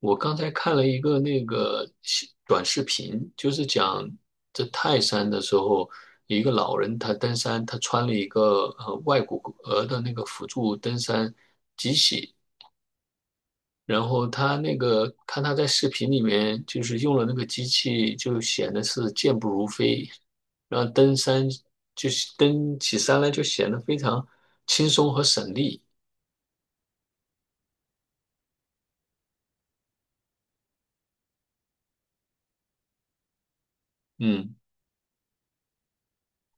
我刚才看了一个那个短视频，就是讲在泰山的时候，一个老人他登山，他穿了一个外骨骼的那个辅助登山机器，然后他那个看他在视频里面就是用了那个机器，就显得是健步如飞，然后登山就是登起山来就显得非常轻松和省力。嗯。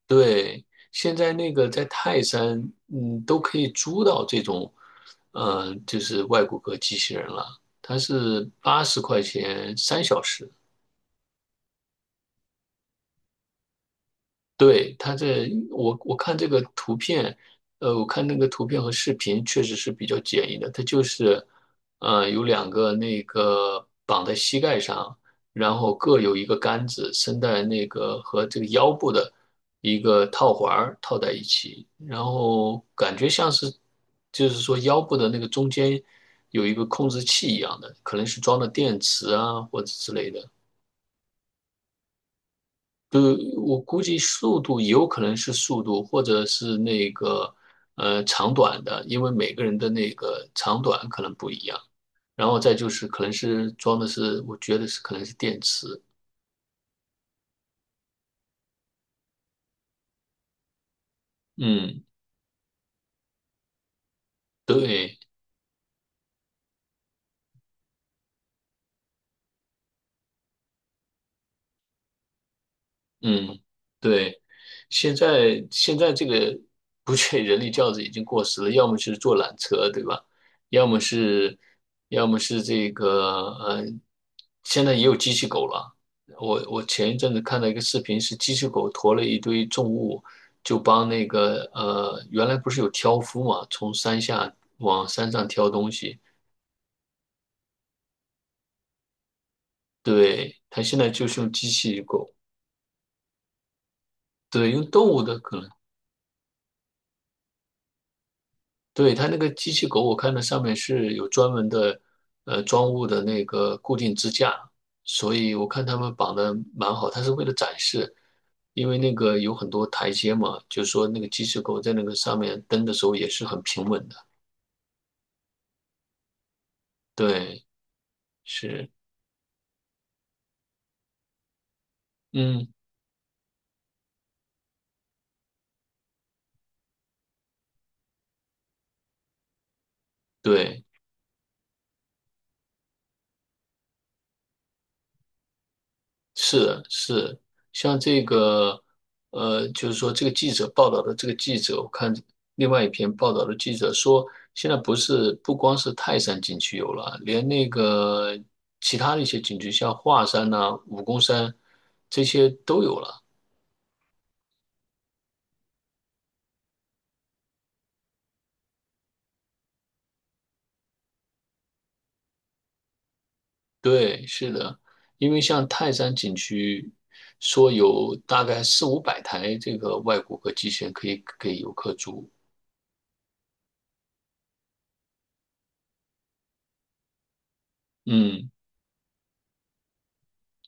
对，现在那个在泰山，都可以租到这种，就是外骨骼机器人了。它是80块钱3小时。对，它这，我看这个图片，我看那个图片和视频确实是比较简易的。它就是，有两个那个绑在膝盖上，然后各有一个杆子伸在那个和这个腰部的一个套环儿套在一起。然后感觉像是，就是说腰部的那个中间有一个控制器一样的，可能是装的电池啊或者之类的。呃，我估计速度有可能是速度，或者是那个长短的，因为每个人的那个长短可能不一样。然后再就是可能是装的是，我觉得是可能是电池。嗯，对。嗯，对，现在这个不确人力轿子已经过时了，要么是坐缆车，对吧？要么是，要么是这个，呃，现在也有机器狗了。我前一阵子看到一个视频，是机器狗驮了一堆重物，就帮那个原来不是有挑夫嘛，从山下往山上挑东西。对，他现在就是用机器狗，对，用动物的可能。对，它那个机器狗，我看它上面是有专门的，装物的那个固定支架，所以我看他们绑的蛮好。它是为了展示，因为那个有很多台阶嘛，就是说那个机器狗在那个上面蹬的时候也是很平稳的。对，是，嗯，对。是是，像这个，就是说这个记者报道的这个记者，我看另外一篇报道的记者说，现在不光是泰山景区有了，连那个其他的一些景区，像华山呐、武功山这些都有了。对，是的，因为像泰山景区说有大概四五百台这个外骨骼机器人可以给游客租。嗯。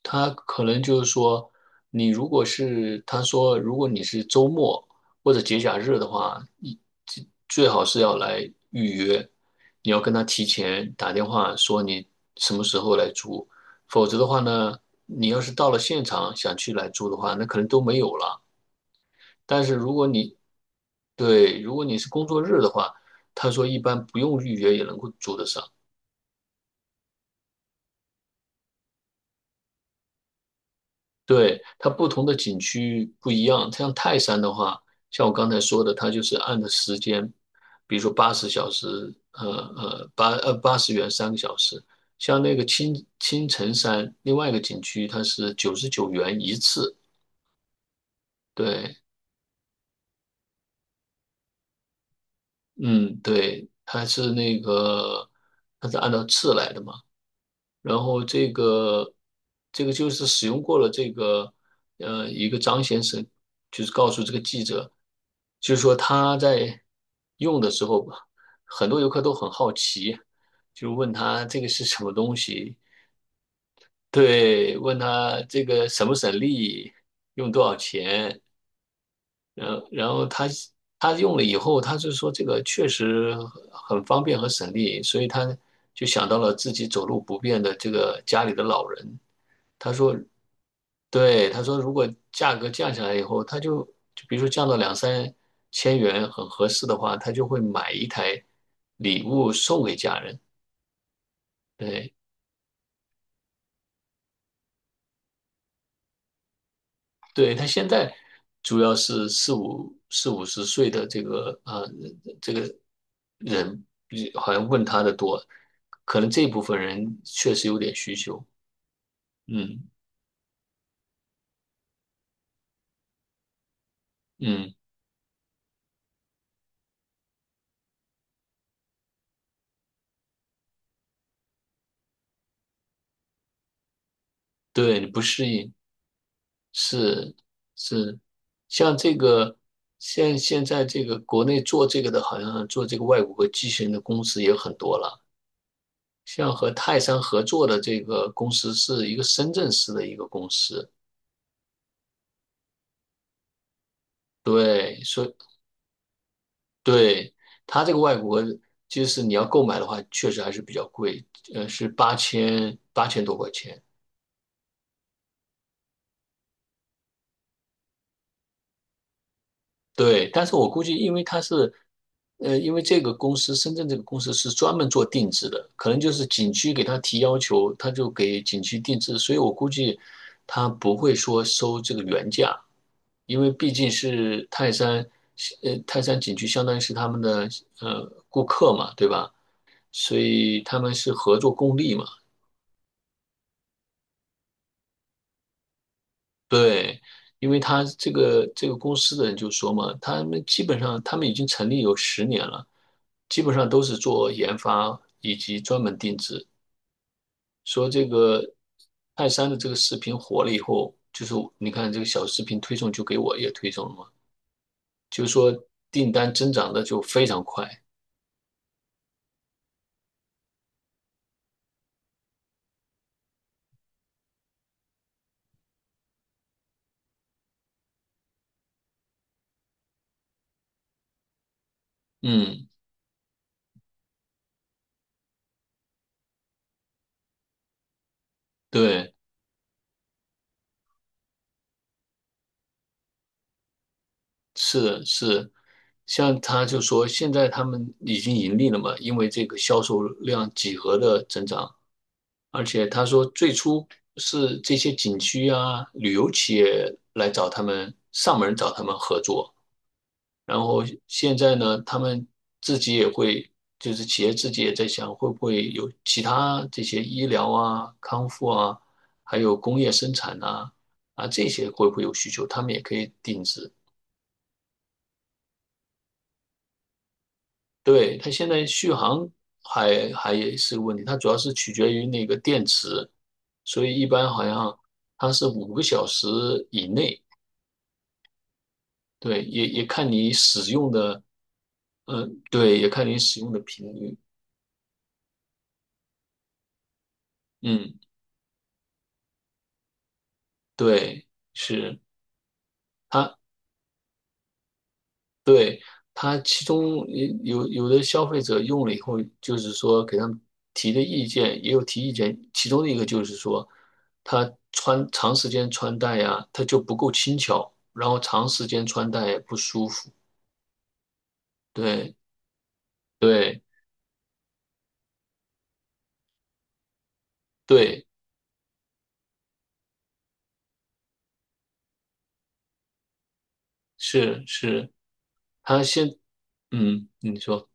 他可能就是说，你如果是他说，如果你是周末或者节假日的话，你最好是要来预约，你要跟他提前打电话说你什么时候来租。否则的话呢，你要是到了现场想去来租的话，那可能都没有了。但是如果你对，如果你是工作日的话，他说一般不用预约也能够租得上。对，它不同的景区不一样，像泰山的话，像我刚才说的，它就是按的时间，比如说呃80元3个小时。像那个青城山另外一个景区，它是99元一次。对，嗯，对，它是按照次来的嘛。然后这个就是使用过了这个一个张先生，就是告诉这个记者，就是说他在用的时候，很多游客都很好奇，就问他这个是什么东西。对，问他这个省不省力，用多少钱，然后他。他用了以后，他就说这个确实很方便和省力，所以他就想到了自己走路不便的这个家里的老人。他说，对，他说如果价格降下来以后，他就比如说降到两三千元很合适的话，他就会买一台礼物送给家人。对，对，他现在主要是四五十岁的这个啊、这个人，好像问他的多，可能这部分人确实有点需求。嗯嗯，对，你不适应。是是，像这个现在这个国内做这个的，好像做这个外国和机器人的公司也很多了。像和泰山合作的这个公司是一个深圳市的一个公司。对，所以对它这个外国就是你要购买的话，确实还是比较贵，是八千多块钱。对，但是我估计，因为他是，因为这个公司，深圳这个公司是专门做定制的，可能就是景区给他提要求，他就给景区定制，所以我估计他不会说收这个原价。因为毕竟是泰山，泰山景区相当于是他们的顾客嘛，对吧？所以他们是合作共利嘛。对，因为他这个公司的人就说嘛，他们基本上他们已经成立有10年了，基本上都是做研发以及专门定制。说这个泰山的这个视频火了以后，就是你看这个小视频推送就给我也推送了嘛，就是说订单增长的就非常快。嗯，对。是是，像他就说，现在他们已经盈利了嘛，因为这个销售量几何的增长，而且他说最初是这些景区啊、旅游企业来找他们上门找他们合作。然后现在呢，他们自己也会，就是企业自己也在想，会不会有其他这些医疗啊、康复啊，还有工业生产啊这些会不会有需求，他们也可以定制。对，它现在续航还也是个问题，它主要是取决于那个电池，所以一般好像它是5个小时以内。对，也看你使用的，嗯、对，也看你使用的频率，嗯，对，是它对，他，其中有的消费者用了以后，就是说给他们提的意见也有提意见。其中的一个就是说，他穿长时间穿戴呀，他就不够轻巧，然后长时间穿戴也不舒服。对对对，是是，他先嗯，你说。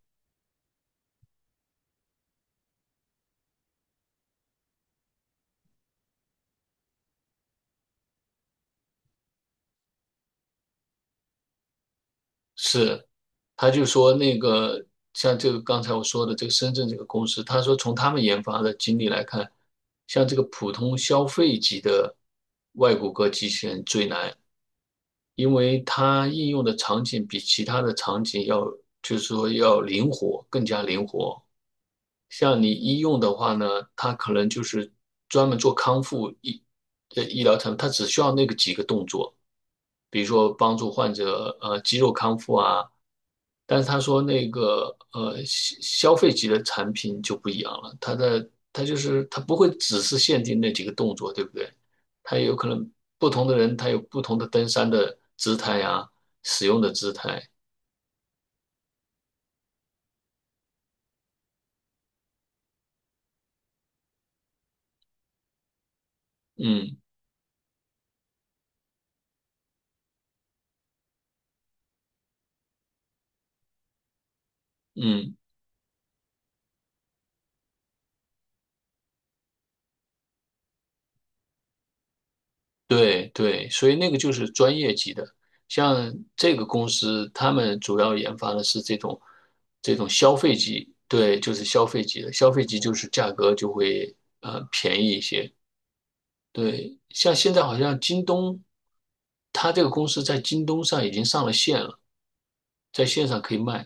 是，他就说那个像这个刚才我说的这个深圳这个公司，他说从他们研发的经历来看，像这个普通消费级的外骨骼机器人最难，因为它应用的场景比其他的场景要，就是说要灵活，更加灵活。像你医用的话呢，它可能就是专门做康复医的医疗产品，它只需要那个几个动作，比如说帮助患者肌肉康复啊。但是他说那个消费级的产品就不一样了，它的它就是它不会只是限定那几个动作，对不对？它也有可能不同的人他有不同的登山的姿态呀，使用的姿态。嗯嗯，对对，所以那个就是专业级的。像这个公司，他们主要研发的是这种消费级，对，就是消费级的，消费级就是价格就会便宜一些。对，像现在好像京东，它这个公司在京东上已经上了线了，在线上可以卖。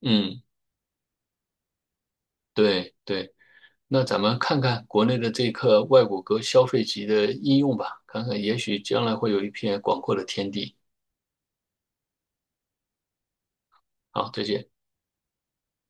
嗯，对对。那咱们看看国内的这个外骨骼消费级的应用吧，看看也许将来会有一片广阔的天地。好，再见。